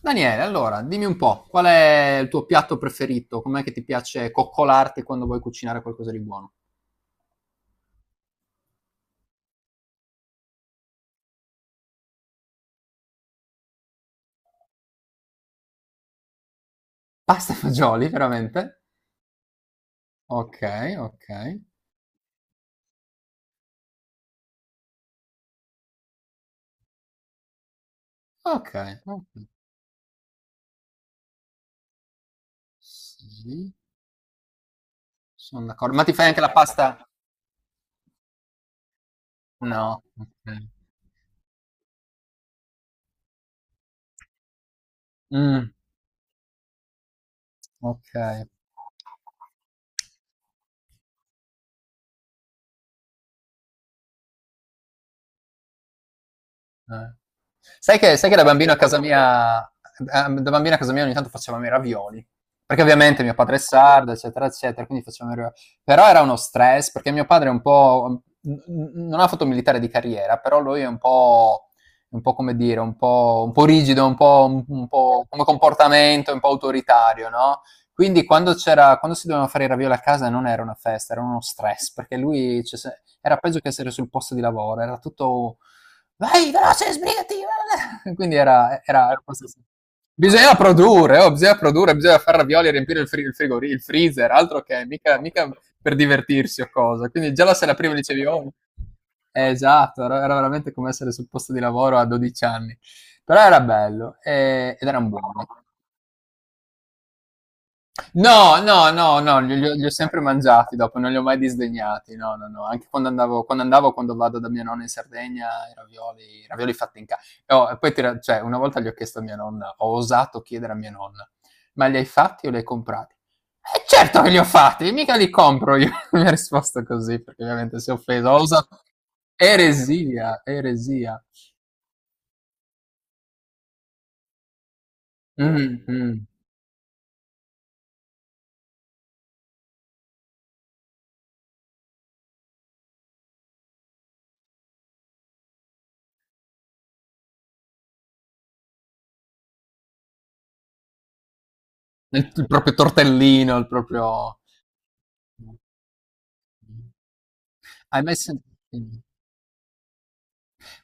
Daniele, allora, dimmi un po', qual è il tuo piatto preferito? Com'è che ti piace coccolarti quando vuoi cucinare qualcosa di buono? Pasta e fagioli, veramente? Ok, ok. Ok, ok. Sì, sono d'accordo. Ma ti fai anche la pasta? No, ok. Mm, ok. Eh. Sai che da bambino a casa mia ogni tanto facevamo i ravioli, perché ovviamente mio padre è sardo, eccetera, eccetera, quindi facevamo i ra però era uno stress, perché mio padre è un po' n n non ha fatto un militare di carriera, però lui è un po' come dire, un po' rigido, un po' un po' come comportamento, un po' autoritario, no, quindi quando si dovevano fare i ravioli a casa non era una festa, era uno stress, perché lui, cioè, se era peggio che essere sul posto di lavoro, era tutto vai veloce, sbrigati. Quindi era questo, sì. Bisogna produrre, oh, bisogna produrre, bisogna fare ravioli e riempire il, fri- il, frigori- il freezer, altro che mica per divertirsi o cosa. Quindi già la sera prima dicevi, oh, esatto, veramente come essere sul posto di lavoro a 12 anni. Però era bello, ed erano buoni. No, no, no, no, li ho sempre mangiati dopo, non li ho mai disdegnati. No, no, no, anche quando vado da mia nonna in Sardegna i ravioli fatti in ca oh, e poi ti ra cioè una volta gli ho chiesto a mia nonna, ho osato chiedere a mia nonna: "Ma li hai fatti o li hai comprati?" "Eh, certo che li ho fatti, mica li compro io." Mi ha risposto così, perché ovviamente si è offesa. Ho usa Eresia, eresia. Mh, mh. Il proprio tortellino, il proprio. Mm-hmm. Hai mai sen Mh.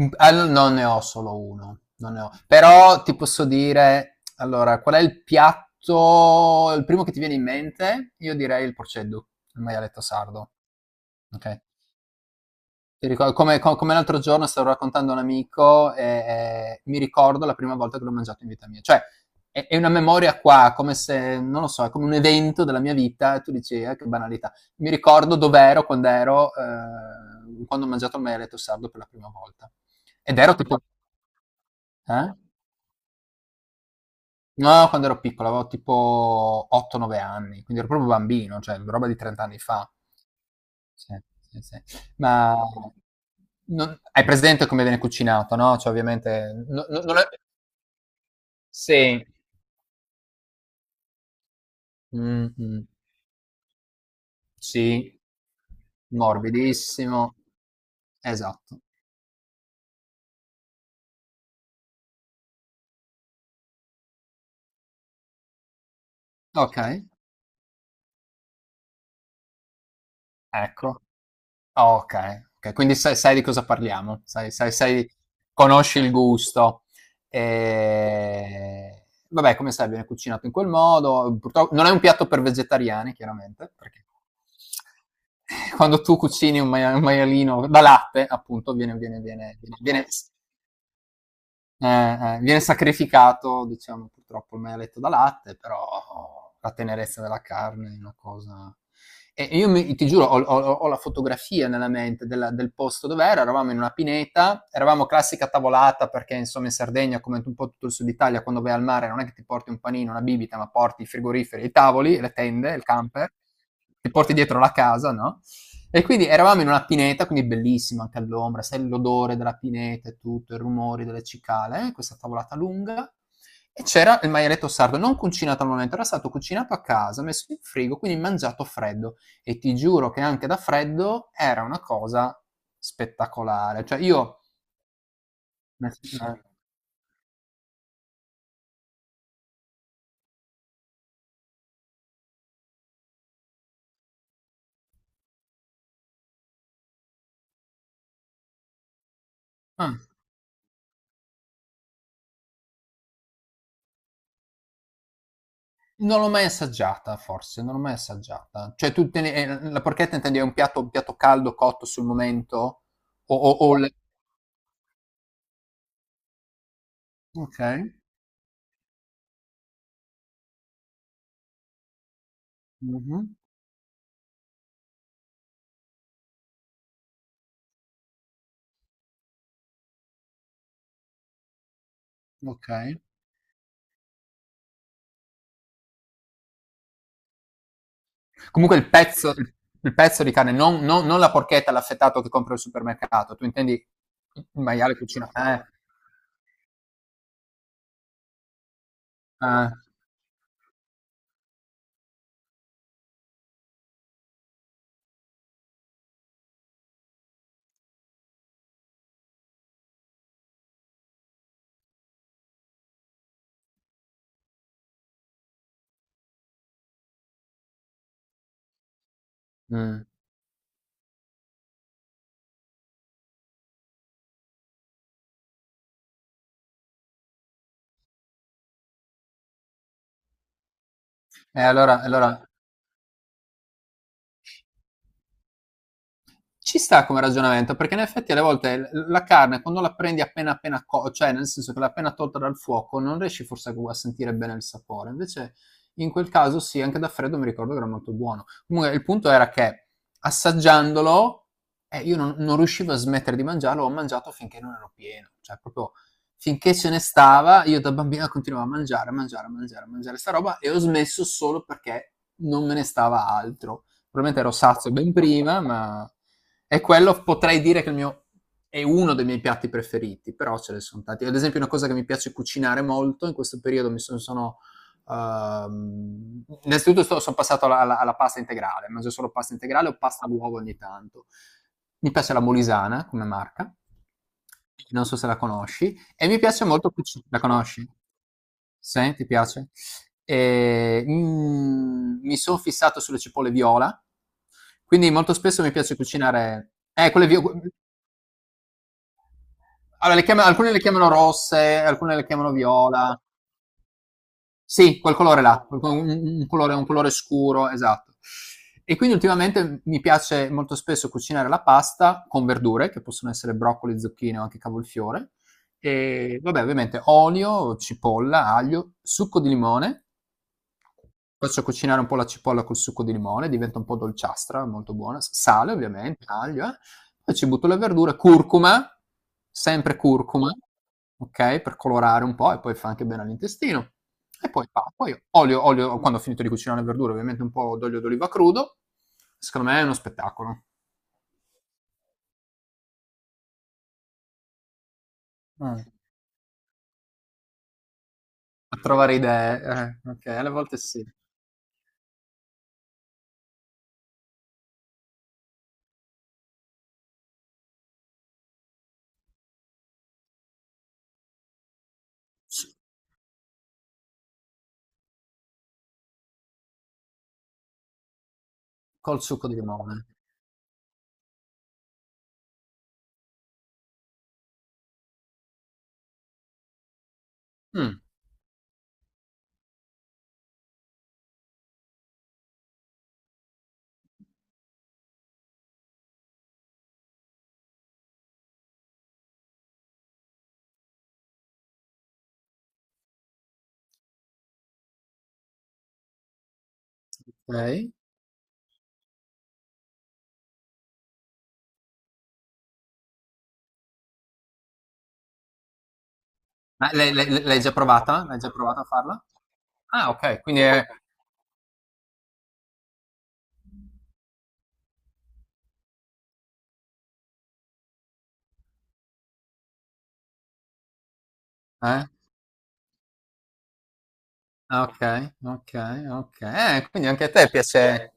Non ne ho solo uno, non ne ho. Però ti posso dire, allora, qual è il piatto, il primo che ti viene in mente? Io direi il porceddu, il maialetto sardo. Ok? Ti ricor- come, co- come l'altro giorno stavo raccontando a un amico e mi ricordo la prima volta che l'ho mangiato in vita mia. Cioè, è una memoria qua, come se, non lo so, è come un evento della mia vita e tu dici: "Ah, che banalità. Mi ricordo dov'ero quando ho mangiato il maialetto sardo per la prima volta." Ed ero tipo... Eh? No, quando ero piccolo, avevo tipo 8, 9 anni, quindi ero proprio bambino, cioè roba di 30 anni fa. Sì, sì, sì. Ma non hai presente come viene cucinato, no? Cioè ovviamente no, no, non è sì, mh-mh, sì, morbidissimo. Esatto. Okay, ecco. Oh, okay, okay. Quindi sai di cosa parliamo, sai conosci il gusto. Ehm, Vabbè, come sai viene cucinato in quel modo, purtro non è un piatto per vegetariani chiaramente, perché quando tu cucini un maialino da latte, appunto, viene sacrificato, diciamo, purtroppo il maialetto da latte, però la tenerezza della carne è una cosa... E io, ti giuro, ho la fotografia nella mente del posto dove era, eravamo in una pineta, eravamo classica tavolata perché insomma in Sardegna, come un po' tutto il sud Italia, quando vai al mare non è che ti porti un panino, una bibita, ma porti i frigoriferi, i tavoli, le tende, il camper, ti porti dietro la casa, no? E quindi eravamo in una pineta, quindi bellissima anche all'ombra, sai l'odore della pineta e tutto, i rumori delle cicale, questa tavolata lunga. E c'era il maialetto sardo, non cucinato al momento, era stato cucinato a casa, messo in frigo, quindi mangiato freddo. E ti giuro che anche da freddo era una cosa spettacolare. Cioè io, ah, non l'ho mai assaggiata, forse, non l'ho mai assaggiata. Cioè la porchetta intendi è un piatto caldo cotto sul momento? O, o, o le- Ok. Mh-mh, okay. Comunque il pezzo di carne, non la porchetta, l'affettato che compri al supermercato, tu intendi il maiale cucina eh, mh. E allora, ci sta come ragionamento, perché in effetti alle volte la carne quando la prendi appena appena cioè nel senso che l'hai appena tolta dal fuoco, non riesci forse a sentire bene il sapore. Invece in quel caso sì, anche da freddo mi ricordo che era molto buono. Comunque il punto era che assaggiandolo, io non riuscivo a smettere di mangiarlo, ho mangiato finché non ero pieno, cioè proprio finché ce ne stava, io da bambina continuavo a mangiare, a mangiare, a mangiare, a mangiare sta roba e ho smesso solo perché non me ne stava altro. Probabilmente ero sazio ben prima, e quello potrei dire che il mio, è uno dei miei piatti preferiti, però ce ne sono tanti. Ad esempio, una cosa che mi piace cucinare molto in questo periodo mi sono. Sono innanzitutto sono passato alla pasta integrale, mangio solo pasta integrale o pasta all'uovo ogni tanto. Mi piace la Molisana come marca, non so se la conosci, e mi piace molto cucinare. La conosci? Sì, ti piace? E, mi sono fissato sulle cipolle viola, quindi molto spesso mi piace cucinare... Allora, alcune le chiamano rosse, alcune le chiamano viola. Sì, quel colore là, quel co- un colore scuro, esatto. E quindi ultimamente mi piace molto spesso cucinare la pasta con verdure, che possono essere broccoli, zucchine o anche cavolfiore, e vabbè ovviamente olio, cipolla, aglio, succo di limone. Faccio cucinare un po' la cipolla col succo di limone, diventa un po' dolciastra, molto buona, sale ovviamente, aglio. Poi ci butto la verdura, curcuma, sempre curcuma, ok? Per colorare un po' e poi fa anche bene all'intestino. E poi, poi olio, quando ho finito di cucinare le verdure, ovviamente un po' d'olio d'oliva crudo. Secondo me è uno spettacolo. Mm. A trovare idee, ok, alle volte sì. Su- Col succo di limone. Mm, ok. Ma l'hai già provata? L'hai già provata a farla? Ah, ok, quindi è... Eh? Ah, ok, ok, ok. Quindi anche a te piace,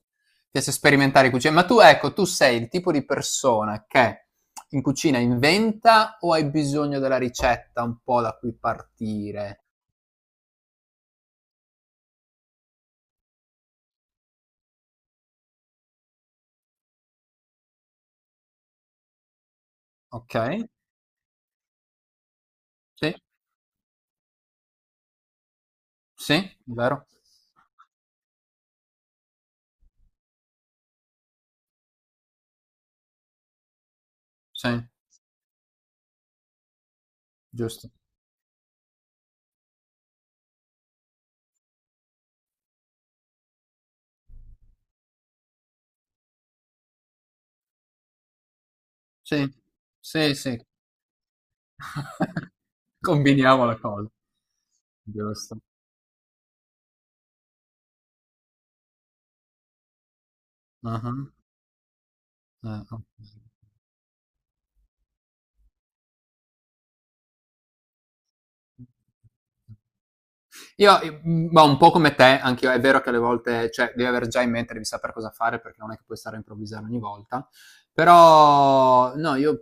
piace sperimentare cucina. Ma tu, ecco, tu sei il tipo di persona che in cucina inventa o hai bisogno della ricetta un po' da cui partire? Ok? Sì, sì, vero? Sì, giusto. Sì, sì, sì. Combiniamo la cosa. Giusto. Ah, ah, ok. Io, ma un po' come te, anche io, è vero che alle volte, cioè, devi avere già in mente, devi sapere cosa fare perché non è che puoi stare a improvvisare ogni volta. Però, no, io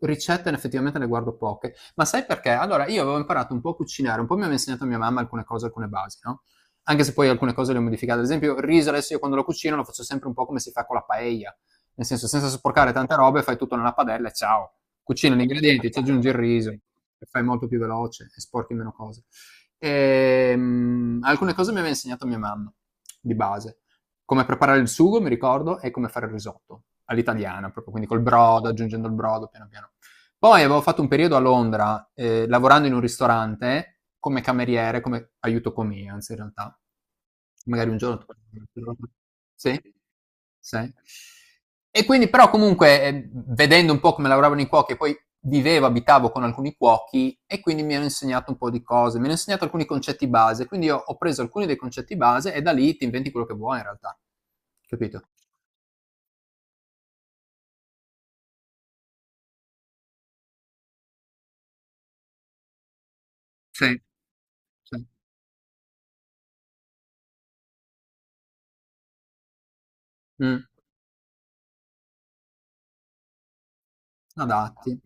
ricette effettivamente ne guardo poche. Ma sai perché? Allora, io avevo imparato un po' a cucinare, un po' mi aveva insegnato mia mamma alcune cose, alcune basi, no? Anche se poi alcune cose le ho modificate. Ad esempio, il riso adesso io quando lo cucino lo faccio sempre un po' come si fa con la paella. Nel senso, senza sporcare tante robe, fai tutto nella padella e ciao. Cucini gli ingredienti, ci aggiungi il riso e fai molto più veloce e sporchi meno cose. E, alcune cose mi aveva insegnato mia mamma, di base. Come preparare il sugo, mi ricordo, e come fare il risotto, all'italiana, proprio, quindi col brodo, aggiungendo il brodo, piano piano. Poi avevo fatto un periodo a Londra, lavorando in un ristorante, come cameriere, come aiuto comia, anzi in realtà. Magari un giorno. Sì, sì. E quindi però comunque, vedendo un po' come lavoravano i cuochi e poi vivevo, abitavo con alcuni cuochi e quindi mi hanno insegnato un po' di cose, mi hanno insegnato alcuni concetti base, quindi io ho preso alcuni dei concetti base e da lì ti inventi quello che vuoi in realtà, capito? Sì, sì. Mm, adatti.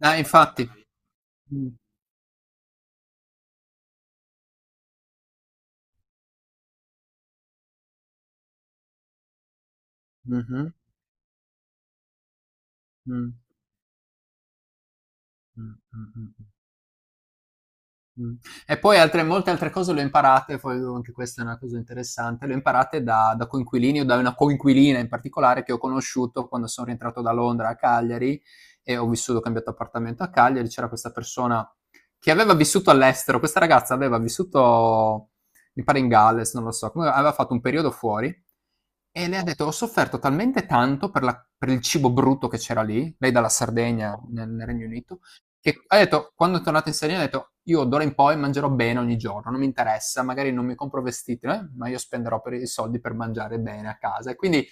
Infatti. Mm, mhm, mm, mm, mm, mm. Mm. Mh. E poi altre molte altre cose le ho imparate, poi anche questa è una cosa interessante, le ho imparate da coinquilini o da una coinquilina in particolare che ho conosciuto quando son rientrato da Londra a Cagliari e ho cambiato appartamento a Cagliari, c'era questa persona che aveva vissuto all'estero, questa ragazza aveva vissuto, mi pare in Galles, non lo so, comunque aveva fatto un periodo fuori e lei ha detto: "Ho sofferto talmente tanto per il cibo brutto che c'era lì", lei dalla Sardegna nel Regno Unito, che ha detto, quando è tornato in Sardegna, ha detto, io d'ora in poi mangerò bene ogni giorno, non mi interessa, magari non mi compro vestiti, ma io spenderò per i soldi per mangiare bene a casa. E quindi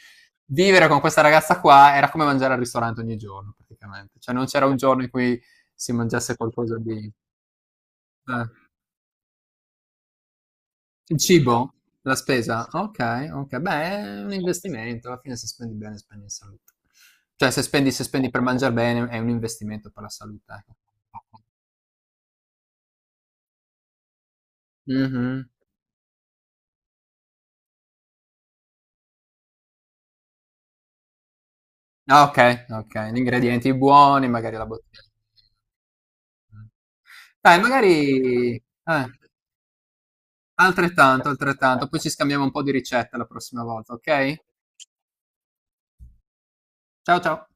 vivere con questa ragazza qua era come mangiare al ristorante ogni giorno, praticamente. Cioè non c'era un giorno in cui si mangiasse qualcosa di... Eh. Il cibo? La spesa? Ok, ok. Beh, è un investimento, alla fine se spendi bene spendi in salute. Cioè se spendi, se spendi per mangiare bene è un investimento per la salute, ecco. Mhm. Ah, okay, okay. Gli ingredienti buoni, magari la bottiglia. Mh. Dai, magari, altrettanto, altrettanto. Poi ci scambiamo un po' di ricette la prossima volta, okay? Ciao, ciao.